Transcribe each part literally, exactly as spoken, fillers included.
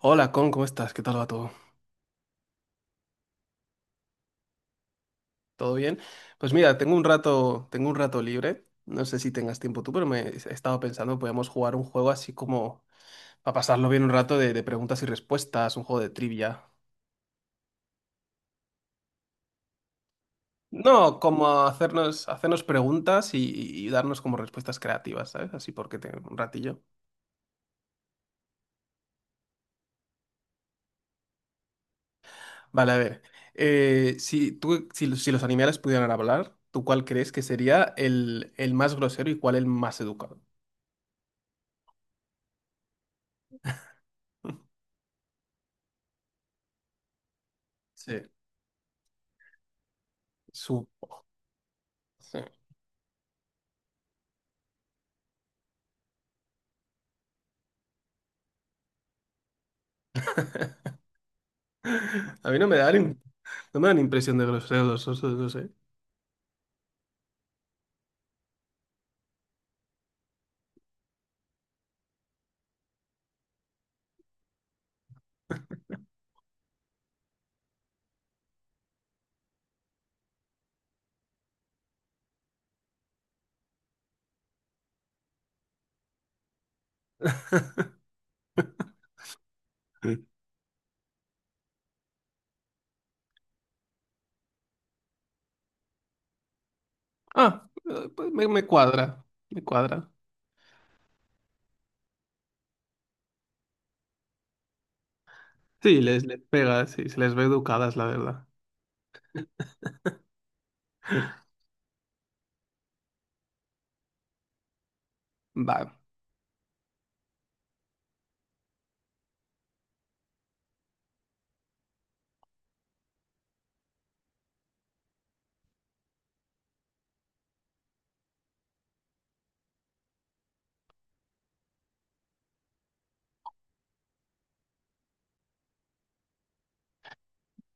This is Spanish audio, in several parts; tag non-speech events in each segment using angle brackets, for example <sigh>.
Hola, Con, ¿cómo estás? ¿Qué tal va todo? ¿Todo bien? Pues mira, tengo un rato, tengo un rato libre. No sé si tengas tiempo tú, pero me he estado pensando, podemos jugar un juego así como para pasarlo bien un rato de, de preguntas y respuestas, un juego de trivia. No, como hacernos, hacernos preguntas y, y darnos como respuestas creativas, ¿sabes? Así porque tengo un ratillo. Vale, a ver. Eh, si tú, si, los- si los animales pudieran hablar, ¿tú cuál crees que sería el, el más grosero y cuál el más educado? <laughs> Sí. Su. Sí. A mí no me dan, no me dan impresión de groseros, o sea, no sé. Ah, eh, pues me, me cuadra, me cuadra. Sí, les, les pega, sí, se les ve educadas, la verdad. Va,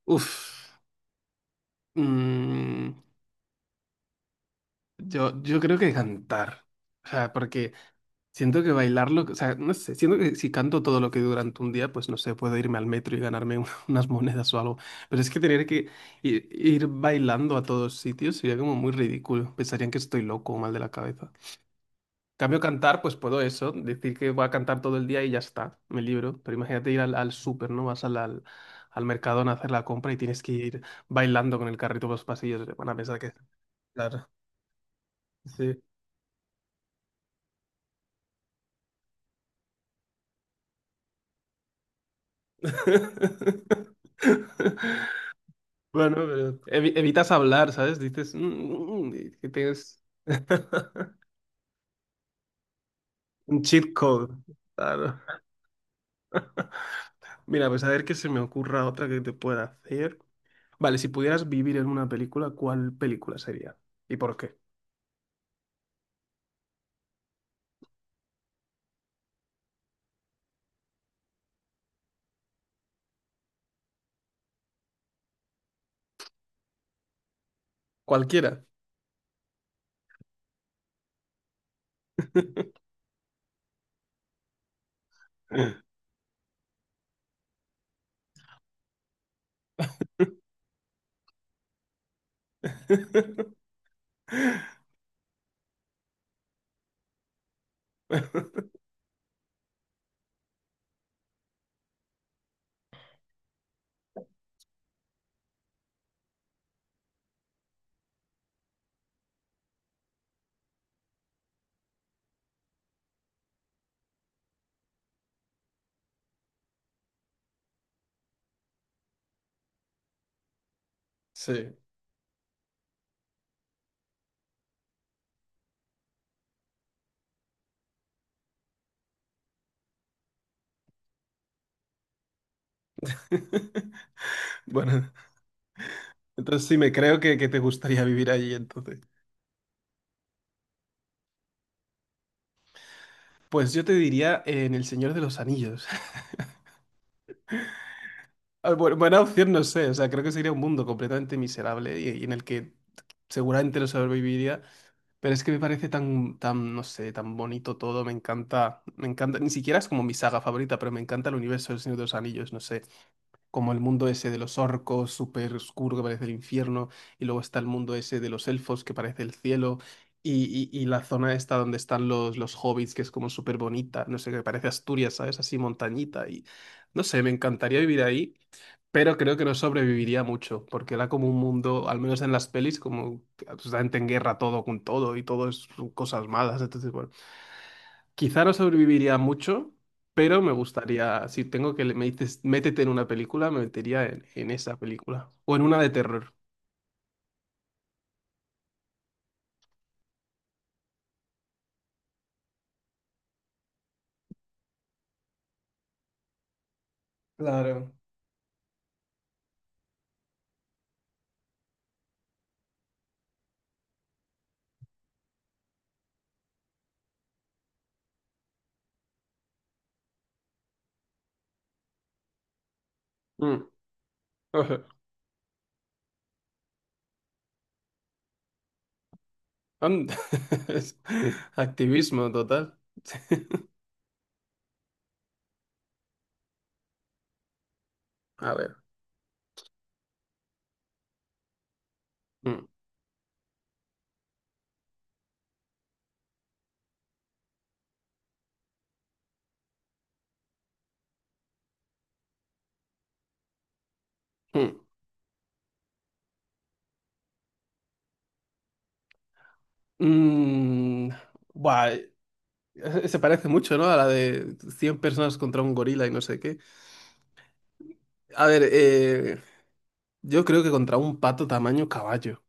uff. yo, yo creo que cantar. O sea, porque siento que bailarlo, o sea, no sé, siento que si canto todo lo que durante un día, pues no sé, puedo irme al metro y ganarme un- <laughs> unas monedas o algo. Pero es que tener que i- ir, bailando a todos sitios sería como muy ridículo. Pensarían que estoy loco o mal de la cabeza. Cambio cantar, pues puedo eso, decir que voy a cantar todo el día y ya está, me libro. Pero imagínate ir al, al súper, ¿no? Vas al, al, al Mercadona a hacer la compra y tienes que ir bailando con el carrito por los pasillos. Van a pensar que... Claro, sí. <laughs> Bueno, pero evi- evitas hablar, ¿sabes? Dices "Mm, mm, mm", y que tienes <laughs> un cheat code. Claro. Mira, pues a ver qué se me ocurra otra que te pueda hacer. Vale, si pudieras vivir en una película, ¿cuál película sería? ¿Y por qué? Cualquiera. <laughs> Sí. Bueno, entonces sí me creo que, que te gustaría vivir allí entonces. Pues yo te diría eh, en El Señor de los Anillos. <laughs> Ah, bu- buena opción, no sé. O sea, creo que sería un mundo completamente miserable y, y en el que seguramente no sobreviviría. Pero es que me parece tan, tan, no sé, tan bonito todo. Me encanta, me encanta. Ni siquiera es como mi saga favorita, pero me encanta el universo del Señor de los Anillos. No sé. Como el mundo ese de los orcos, súper oscuro que parece el infierno, y luego está el mundo ese de los elfos que parece el cielo, y, y- y la zona esta donde están los, los hobbits, que es como súper bonita, no sé, que parece Asturias, ¿sabes? Así montañita, y no sé, me encantaría vivir ahí, pero creo que no sobreviviría mucho, porque era como un mundo, al menos en las pelis, como absolutamente en guerra todo con todo, y todo es cosas malas, entonces, bueno. Quizá no sobreviviría mucho, pero me gustaría, si tengo que le me dices, métete en una película, me metería en, en esa película. O en una de terror. Claro. Mm. <laughs> And- <laughs> es Activismo total. <laughs> A ver. Mm, mm. Mm, buah, eh, <laughs> se parece mucho, ¿no? A la de cien personas contra un gorila y no sé qué. A ver, eh, yo creo que contra un pato tamaño caballo.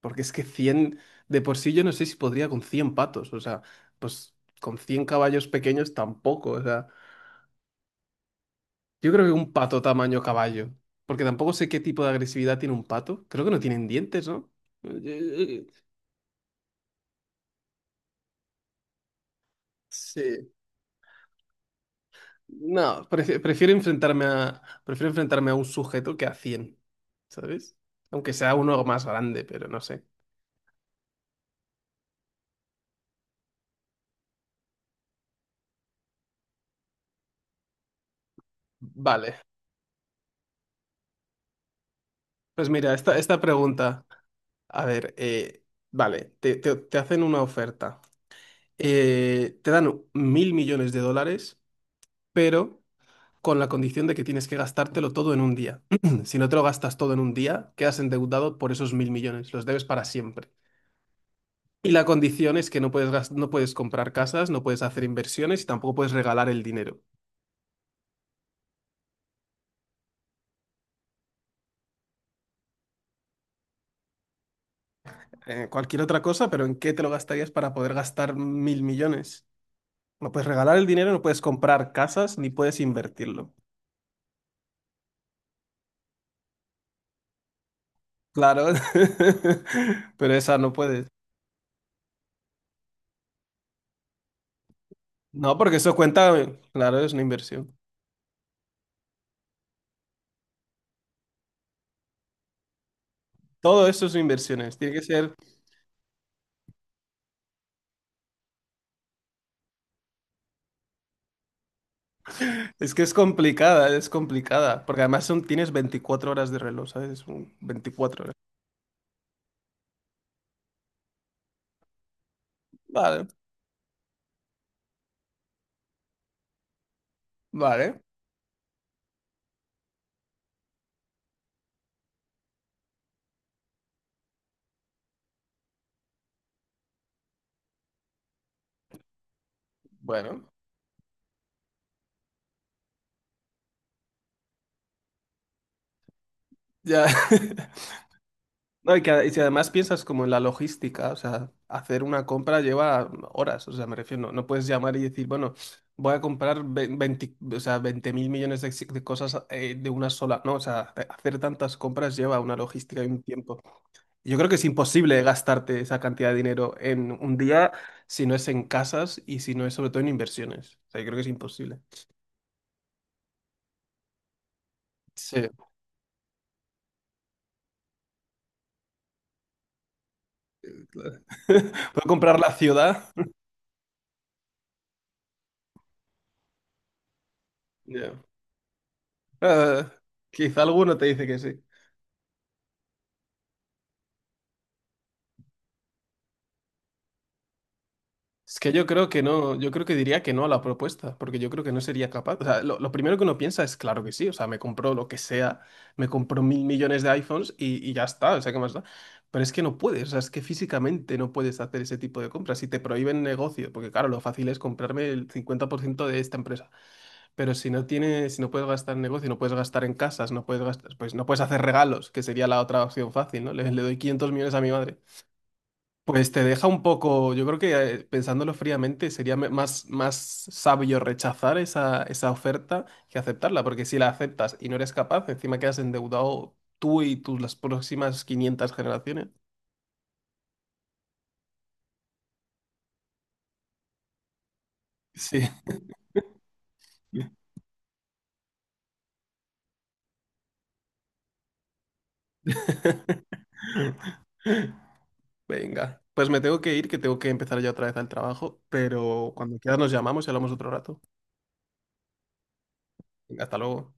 Porque es que cien de por sí yo no sé si podría con cien patos, o sea, pues con cien caballos pequeños tampoco, o sea, yo creo que un pato tamaño caballo, porque tampoco sé qué tipo de agresividad tiene un pato, creo que no tienen dientes, ¿no? Eh, Sí, no, prefi- prefiero enfrentarme a, prefiero enfrentarme a un sujeto que a cien, ¿sabes? Aunque sea uno más grande, pero no sé. Vale, pues mira, esta, esta pregunta, a ver, eh, vale, te, te te hacen una oferta. Eh, te dan mil millones de dólares, pero con la condición de que tienes que gastártelo todo en un día. <clears throat> Si no te lo gastas todo en un día, quedas endeudado por esos mil millones, los debes para siempre. Y la condición es que no puedes, gas- no puedes comprar casas, no puedes hacer inversiones y tampoco puedes regalar el dinero. Eh, cualquier otra cosa, pero ¿en qué te lo gastarías para poder gastar mil millones? No puedes regalar el dinero, no puedes comprar casas, ni puedes invertirlo. Claro, <laughs> pero esa no puedes. No, porque eso cuenta, claro, es una inversión. Todo eso son inversiones. Tiene que ser, es que es complicada, es complicada. Porque además son, tienes veinticuatro horas de reloj, ¿sabes? Un veinticuatro horas. Vale, vale. Bueno, ya. <laughs> No, y, que, y si además piensas como en la logística, o sea, hacer una compra lleva horas, o sea, me refiero, no, no puedes llamar y decir, bueno, voy a comprar ve- veinte, o sea, veinte mil millones de, ex- de cosas eh, de una sola, ¿no? O sea, hacer tantas compras lleva una logística y un tiempo. Yo creo que es imposible gastarte esa cantidad de dinero en un día si no es en casas y si no es sobre todo en inversiones. O sea, yo creo que es imposible. Sí. <laughs> Puedo comprar la ciudad. <laughs> Ya. Eh, Quizá alguno te dice que sí. Es que yo creo que no, yo creo que diría que no a la propuesta, porque yo creo que no sería capaz. O sea, lo, lo primero que uno piensa es, claro que sí, o sea, me compró lo que sea, me compró mil millones de iPhones y, y ya está, o sea, ¿qué más da? Pero es que no puedes, o sea, es que físicamente no puedes hacer ese tipo de compras. Si te prohíben negocio, porque claro, lo fácil es comprarme el cincuenta por ciento de esta empresa, pero si no tienes, si no puedes gastar en negocio, no puedes gastar en casas, no puedes gastar, pues no puedes hacer regalos, que sería la otra opción fácil, ¿no? Le, le doy quinientos millones a mi madre. Pues te deja un poco, yo creo que eh, pensándolo fríamente sería me- más, más sabio rechazar esa, esa oferta que aceptarla, porque si la aceptas y no eres capaz, encima quedas endeudado tú y tus las próximas quinientas generaciones. Sí. <laughs> Venga, pues me tengo que ir, que tengo que empezar ya otra vez al trabajo, pero cuando quieras nos llamamos y hablamos otro rato. Venga, hasta luego.